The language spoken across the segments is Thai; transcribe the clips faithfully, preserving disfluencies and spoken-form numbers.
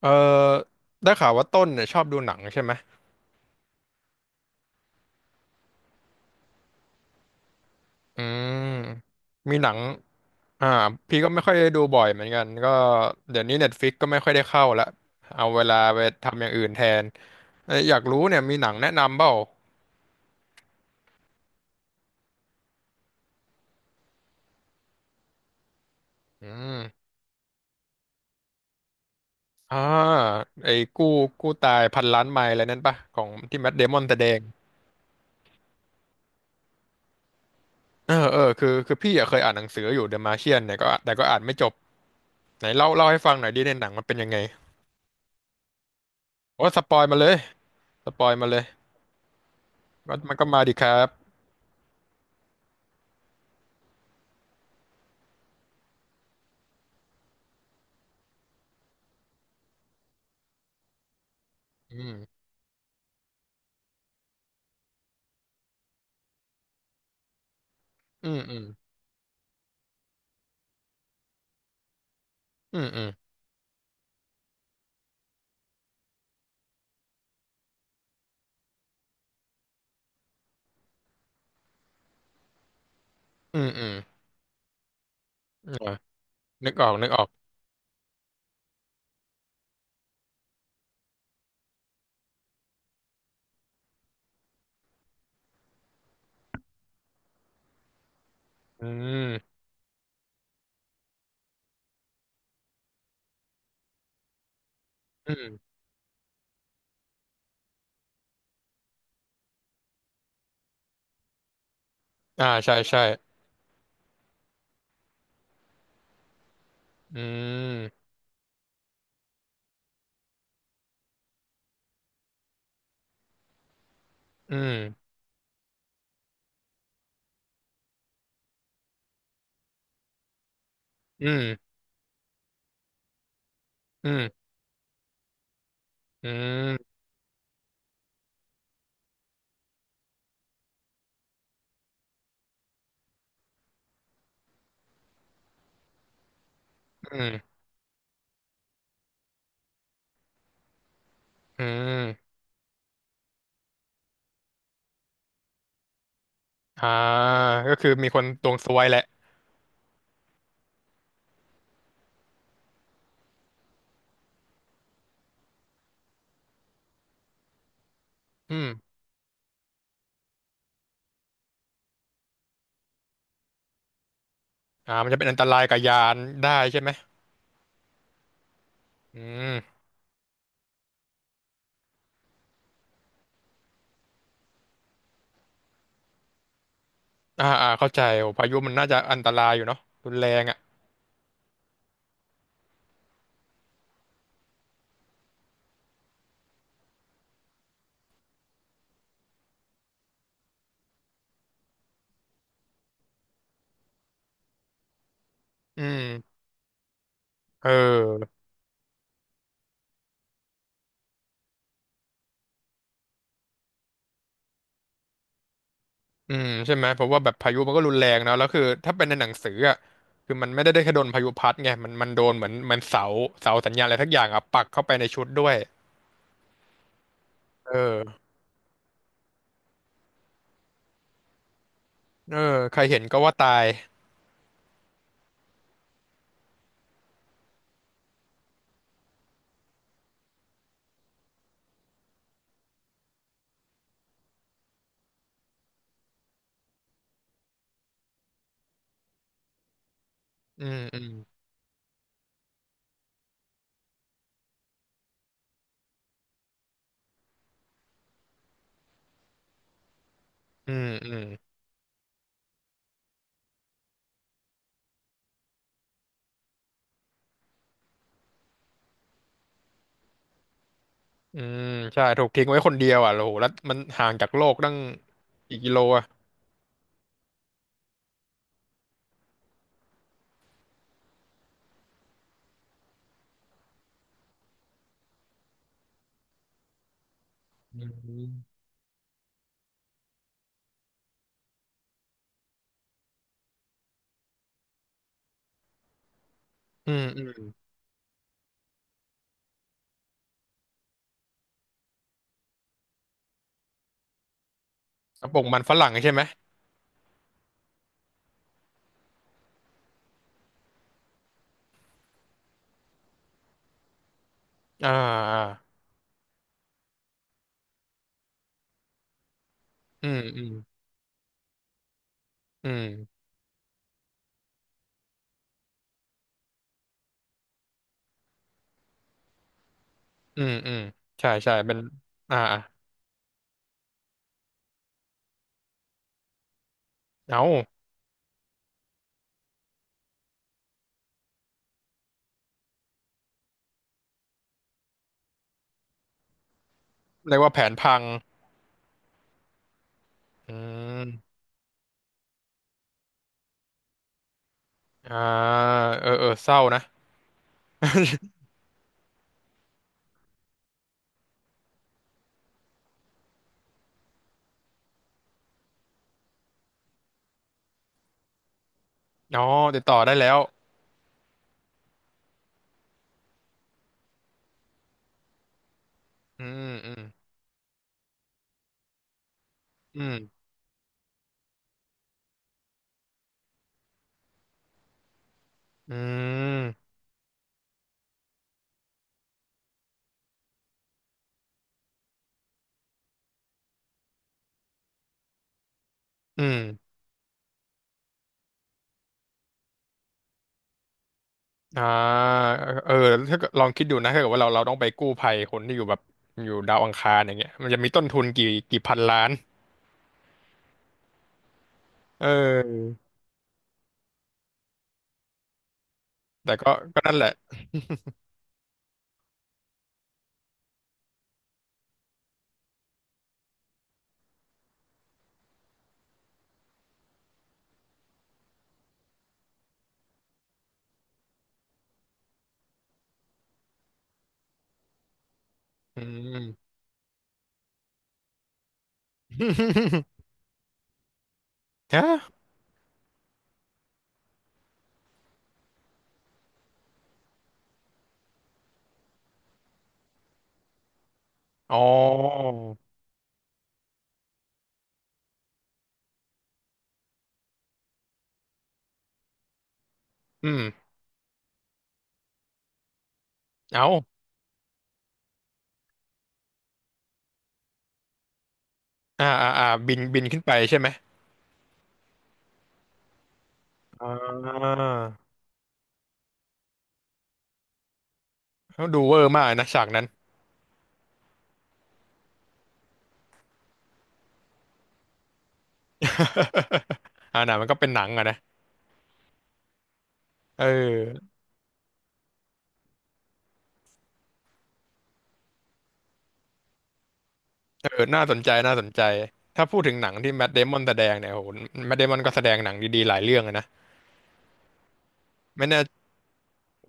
เออได้ข่าวว่าต้นเนี่ยชอบดูหนังใช่ไหมอืมมีหนังอ่าพี่ก็ไม่ค่อยได้ดูบ่อยเหมือนกันก็เดี๋ยวนี้เน็ตฟิกก็ไม่ค่อยได้เข้าละเอาเวลาไปทำอย่างอื่นแทนเอ้ยอยากรู้เนี่ยมีหนังแนะนำเปล่าอืมอ่าไอ้กู้กู้ตายพันล้านไมล์อะไรนั่นปะของที่แมทเดมอนแสดงเออเออคือคือพี่อะเคยอ่านหนังสืออยู่เดอะมาเชียนเนี่ยก็แต่ก็อ่านไม่จบไหนเล่าเล่าให้ฟังหน่อยดิในหนังมันเป็นยังไงโอ้สปอยมาเลยสปอยมาเลยมันมันก็มาดิครับ อืมอืมอืมอืมอืมอืมอืมอืมอ่ะนึกออกนึกออกอืมอืมอ่าใช่ใช่อืมอืมอืมอืมอืมอืมอืมอ่าก็คือมีคนดวงซวยแหละอืมอ่ามันจะเป็นอันตรายกับยานได้ใช่ไหมอืมอ่าอ่าเข้าใจโอ้พายุมันน่าจะอันตรายอยู่เนาะรุนแรงอ่ะอืมเออ อืมใช่ไหมเพราะว่าแบบพายุมันก็รุนแรงเนอะแล้วคือถ้าเป็นในหนังสืออ่ะคือมันไม่ได้ได้แค่โดนพายุพัดไงมันมันโดนเหมือนเหมันเสาเสาสัญญาณอะไรทักอย่างอ่ะปักเข้าไปในชุดด้วยเออเออใครเห็นก็ว่าตายอืมอืมอืมอืมอืมใช่ถูกทิ้งไว้คนเดียวอ่ะโอ้โหแล้วมันห่างจากโลกตั้งกี่กิโลอ่ะอืมอืมอืมกระปกมันฝรั่งใช่ไหมอ่าอ่าอืมอืมอืมอืมอืมใช่ใช่เป็นอ่าอ่าเอ้าเรียกว่าแผนพัง อืมอ่าเออเออเศร้านะ อ๋อติดต่อได้แล้วอืมอืมอืมอืมอืมอ่าเออถ้าเกิดลองคิดดูนะถ้าเกิดว่าเราเราต้องไปกู้ภัยคนที่อยู่แบบอยู่ดาวอังคารอย่างเงี้ยมันจะมีต้นทุนกี่กี่พันล้านเออแต่ก็ก็นั่นแหละอืม ฮะอ๋ออืมเอาอ่าอ่าอ่าบินบินขึ้นไปใช่ไหมอ่าเขาดูเวอร์มากนะฉากนั้น อ่าหนังมันก็เป็นหนังอะนะเออเออน่าสนใจน่าสนใจถ้าพูดถึงหนังที่แมทเดมอนแสดงเนี่ยโหแมทเดมอนก็แสดงหนังดีๆหลายเรื่องอะนะไม่แน่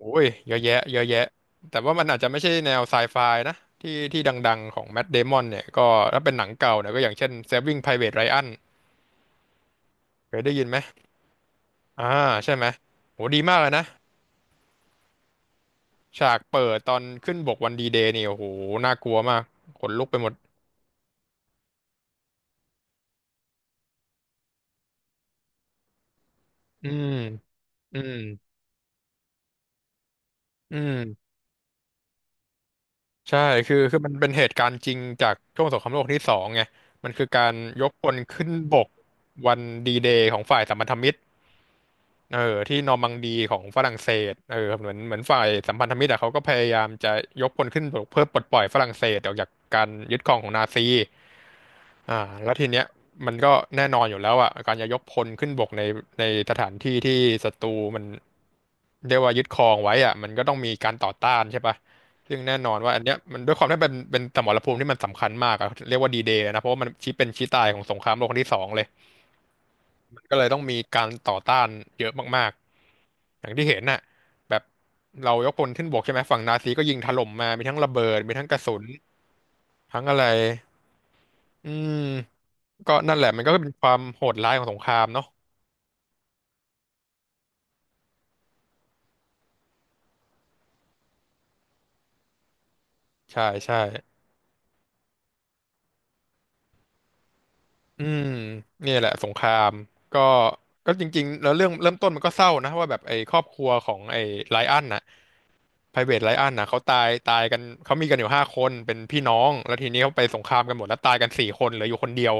โอ้ยเยอะแยะเยอะแยะแต่ว่ามันอาจจะไม่ใช่แนวไซไฟนะที่ที่ดังๆของแมทเดมอนเนี่ยก็ถ้าเป็นหนังเก่าเนี่ยก็อย่างเช่น เซฟวิ่ง ไพรเวท ไรอัน เคยได้ยินไหมอ่าใช่ไหมโหดีมากเลยนะฉากเปิดตอนขึ้นบกวันดีเดย์นี่โอ้โหน่ากลัวมากขนลุกไปหมดอืมอืมอืม ใช่คือคือมันเป็นเหตุการณ์จริงจากช่วงสงครามโลกที่สองไงมันคือการยกพลขึ้นบกวันดีเดย์ของฝ่ายสัมพันธมิตร เออที่นอร์มังดีของฝรั่งเศสเออเหมือนเหมือนฝ่ายสัมพันธมิตรอะเขาก็พยายามจะยกพลขึ้นปกเพื่อปลดปล่อยฝรั่งเศสออกจากการยึดครองของนาซีอ่าแล้วทีเนี้ยมันก็แน่นอนอยู่แล้วอะการจะยกพลขึ้นบกในในสถานที่ที่ศัตรูมันเรียกว่ายึดครองไว้อะมันก็ต้องมีการต่อต้านใช่ปะซึ่งแน่นอนว่าอันเนี้ยมันด้วยความที่เป็นเป็นสมรภูมิที่มันสำคัญมากอะเรียกว่าดีเดย์นะเพราะว่ามันชี้เป็นชี้ตายของสงครามโลกครั้งที่สองเลย ก็เลยต้องมีการต่อต้านเยอะมากๆ อย่างที่เห็นน่ะแบบเรายกพลขึ้นบกใช่ไหม ฝั่งนาซีก็ยิงถล่มมามีทั้งระเบิดมีทั้งกระสุนทั้งอะไร อืม ก็นั่นแหละมันก็เป็นความโหดร้ายของสงครามเนาะใช่ใช่อืมเนี่ยแหละสงครามก็ก็จริงๆแล้วเรื่องเริ่มต้นมันก็เศร้านะว่าแบบไอ้ครอบครัวของไอ้ไลอ้อนน่ะไพรเวทไลอ้อนน่ะเขาตายตายกันเขามีกันอยู่ห้าคนเป็นพี่น้องแล้วทีนี้เขาไปสงครามกันหมดแล้วตายกันสี่คนเหลืออยู่คนเดียว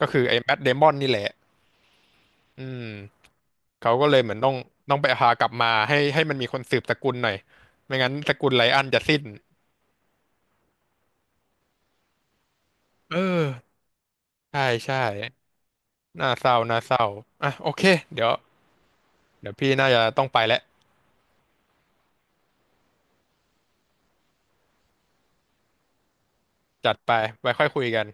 ก็คือไอ้แมทเดมอนนี่แหละอืมเขาก็เลยเหมือนต้องต้องไปหากลับมาให้ให้มันมีคนสืบสกุลหน่อยไม่งั้นสกุลไลอันจะสิ้น เออใช่ใช่น่าเศร้าน่าเศร้าอ่ะโอเคเดี๋ยวเดี๋ยวพี่น่าจะต้องไปแล้วจัดไปไว้ค่อยคุยกัน